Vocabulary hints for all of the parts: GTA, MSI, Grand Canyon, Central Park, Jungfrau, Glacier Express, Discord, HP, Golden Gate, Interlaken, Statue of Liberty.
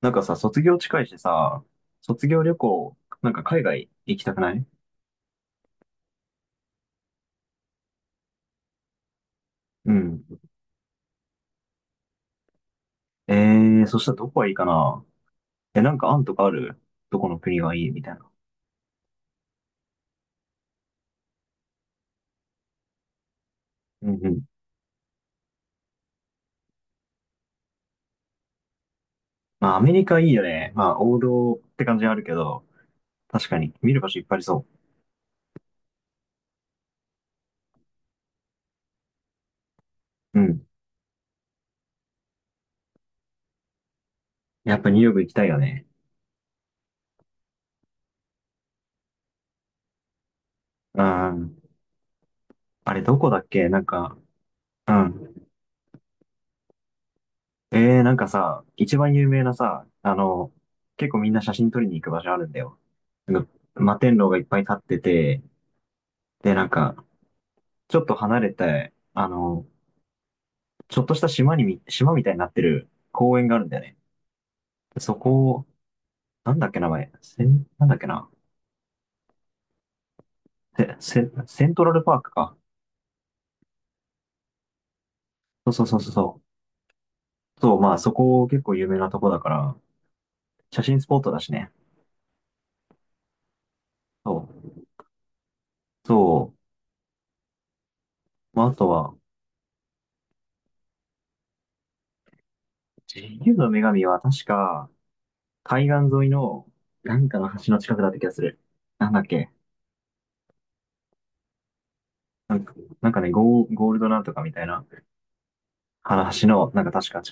なんかさ、卒業近いしさ、卒業旅行、なんか海外行きたくない。うん。えそしたらどこがいいかな？え、なんか案とかある？どこの国がいいみたいな。うんうん。まあ、アメリカいいよね。まあ、王道って感じはあるけど、確かに見る場所いっぱいありそう。うん。やっぱニューヨーク行きたいよね。うん。あれ、どこだっけなんか。うん。なんかさ、一番有名なさ、結構みんな写真撮りに行く場所あるんだよ。なんか摩天楼がいっぱい立ってて、で、なんか、ちょっと離れて、ちょっとした島みたいになってる公園があるんだよね。そこを、なんだっけ名前、なんだっけな、セントラルパークか。そうそうそうそうそう。そう、まあそこ結構有名なとこだから、写真スポットだしね。そう。そう。まああとは、自由の女神は確か、海岸沿いの、なんかの橋の近くだった気がする。なんだっけ。なんか、なんかね、ゴールドなんとかみたいな、あの橋の、なんか確か。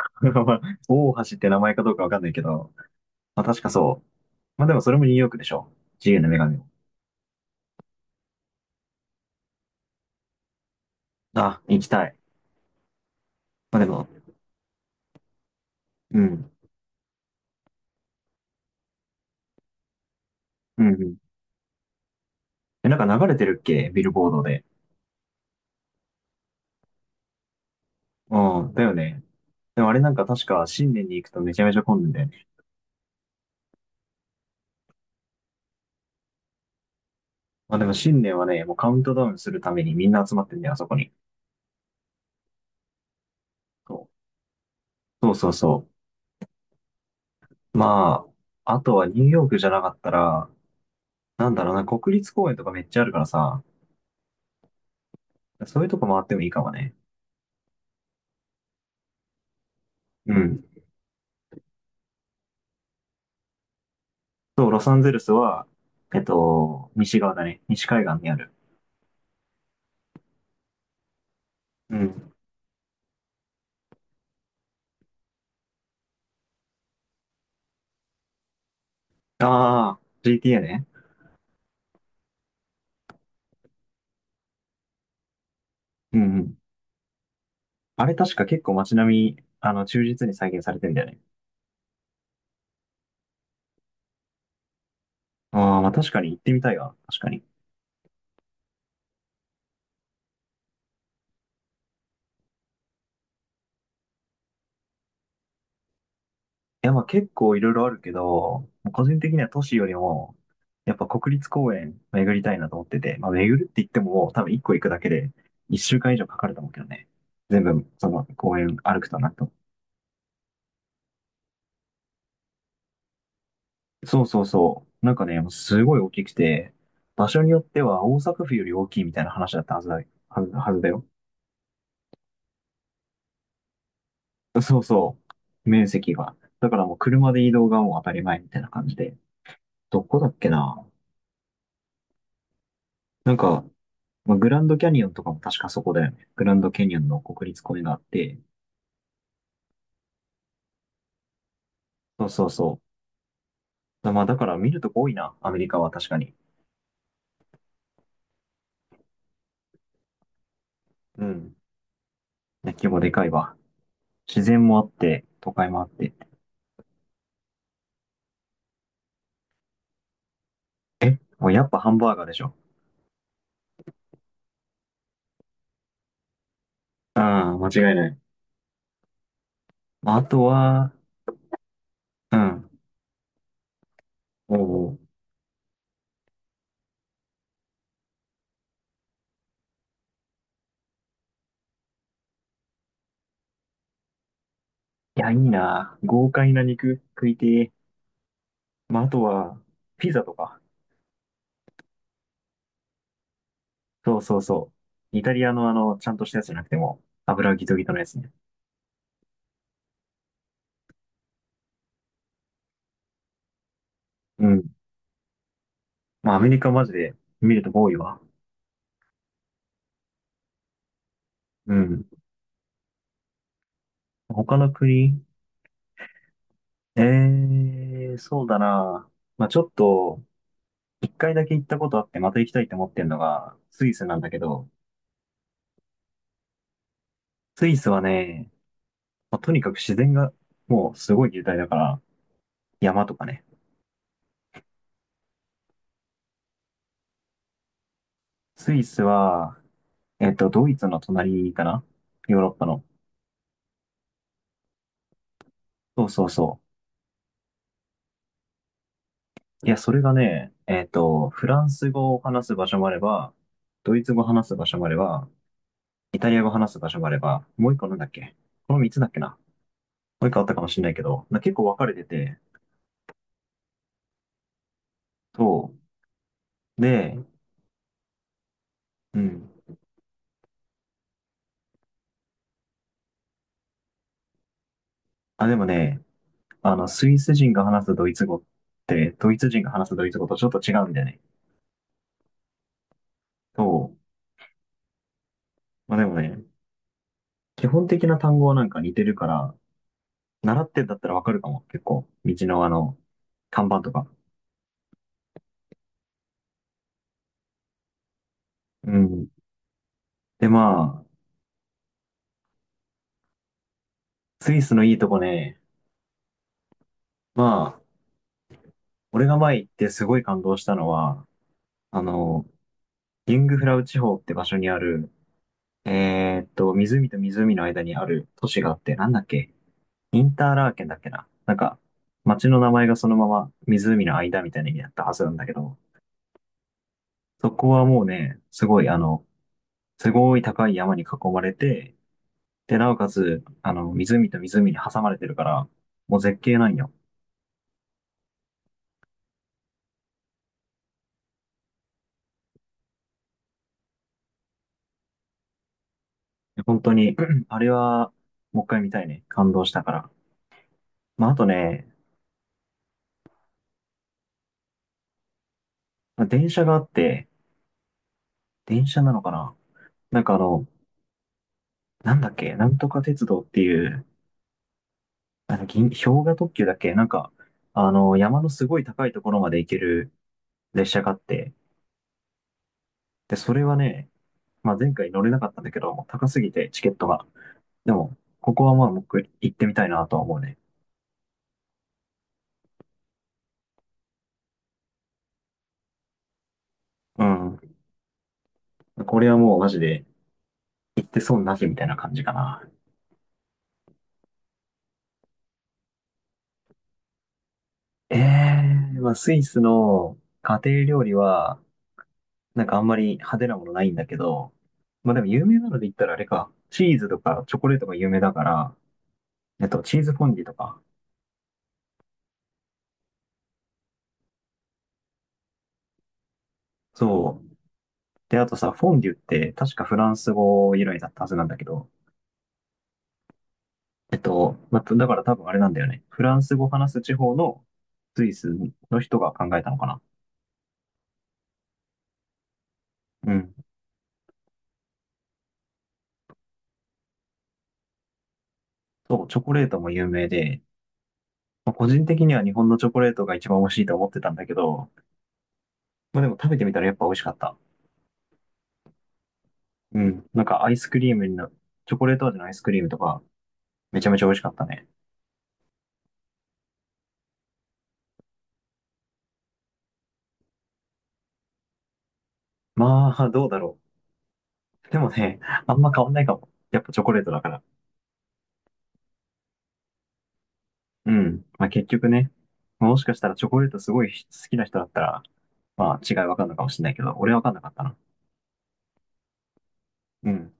まあ大橋って名前かどうかわかんないけど、まあ確かそう。まあでもそれもニューヨークでしょ。自由の女神も。あ、行きたい。まあでも、うん。うん、うん。え、なんか流れてるっけビルボードで。うん、だよね。でもあれなんか確か新年に行くとめちゃめちゃ混んでんだよね。まあでも新年はね、もうカウントダウンするためにみんな集まってんだよ、あそこに。そう。そうそうそう。まあ、あとはニューヨークじゃなかったら、なんだろうな、国立公園とかめっちゃあるからさ、そういうとこ回ってもいいかもね。うん。そう、ロサンゼルスは、えっと、西側だね。西海岸にある。うん。ああ、GTA ね。うんうん。あれ確か結構街並み、あの、忠実に再現されてんだよね。ああ、まあ確かに行ってみたいわ。確かに。いや、まあ結構いろいろあるけど、個人的には都市よりも、やっぱ国立公園巡りたいなと思ってて、まあ巡るって言ってももう多分1個行くだけで1週間以上かかると思うけどね。全部、その公園歩くとな。とそうそうそう。なんかね、すごい大きくて、場所によっては大阪府より大きいみたいな話だったはずだ、はずだよ。そうそう。面積が。だからもう車で移動がもう当たり前みたいな感じで。どこだっけななんか、まあ、グランドキャニオンとかも確かそこだよね。グランドキャニオンの国立公園があって。そうそうそう。だまあだから見るとこ多いな、アメリカは確かに。うん。ね規模でかいわ。自然もあって、都会もあって。もうやっぱハンバーガーでしょ。うん、間違いない。まああとは、うん。おお。いや、いいな。豪快な肉食いてえ。まあ、あとは、ピザとか。そうそうそう。イタリアのあの、ちゃんとしたやつじゃなくても、油ギトギトのやつね。うん。まあ、アメリカマジで見ると多いわ。うん。他の国、ええー、そうだな。まあ、ちょっと、一回だけ行ったことあって、また行きたいと思ってんのが、スイスなんだけど、スイスはね、まあとにかく自然が、もうすごい雄大だから、山とかね。スイスは、えっと、ドイツの隣かな、ヨーロッパの。そうそうそう。いや、それがね、えっと、フランス語を話す場所もあれば、ドイツ語を話す場所もあれば、イタリア語を話す場所もあれば、もう一個なんだっけ？この三つだっけな、もう一個あったかもしれないけど、な結構分かれてて、そう。で、うん。あ、でもね、あの、スイス人が話すドイツ語って、ドイツ人が話すドイツ語とちょっと違うんだよね。そう。まあでもね、基本的な単語はなんか似てるから、習ってんだったらわかるかも、結構。道のあの、看板とか。うん。で、まあ、スイスのいいとこね、まあ、俺が前行ってすごい感動したのは、あの、ユングフラウ地方って場所にある、えーっと、湖と湖の間にある都市があって、なんだっけ、インターラーケンだっけななんか、町の名前がそのまま湖の間みたいな意味だったはずなんだけど、そこはもうね、すごいあの、すごい高い山に囲まれて、で、なおかつ、あの、湖と湖に挟まれてるから、もう絶景なんよ。本当に、あれは、もう一回見たいね。感動したから。まあ、あとね、まあ電車があって、電車なのかな、なんかあの、なんだっけ、なんとか鉄道っていう、あの、氷河特急だっけなんか、あの、山のすごい高いところまで行ける列車があって、で、それはね、まあ、前回乗れなかったんだけど、もう高すぎてチケットが。でも、ここはまあ、僕行ってみたいなとは思うね。うん。これはもうマジで、行って損なしみたいな感じかな。えまあ、スイスの家庭料理は、なんかあんまり派手なものないんだけど、まあでも有名なので言ったらあれか、チーズとかチョコレートが有名だから、えっと、チーズフォンデュとか。そう。で、あとさ、フォンデュって確かフランス語由来だったはずなんだけど、えっと、まあ、だから多分あれなんだよね。フランス語話す地方のスイスの人が考えたのかな。うん。そう、チョコレートも有名で、まあ個人的には日本のチョコレートが一番美味しいと思ってたんだけど、まあでも食べてみたらやっぱ美味しかった。うん。なんかアイスクリームにな、チョコレート味のアイスクリームとか、めちゃめちゃ美味しかったね。まあ、どうだろう。でもね、あんま変わんないかも。やっぱチョコレートだから。うん。まあ結局ね、もしかしたらチョコレートすごい好きな人だったら、まあ違いわかんのかもしれないけど、俺はわかんなかったな。うん。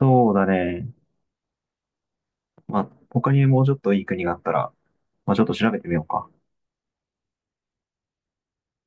そうだね。まあ他にもうちょっといい国があったら、まあちょっと調べてみようか。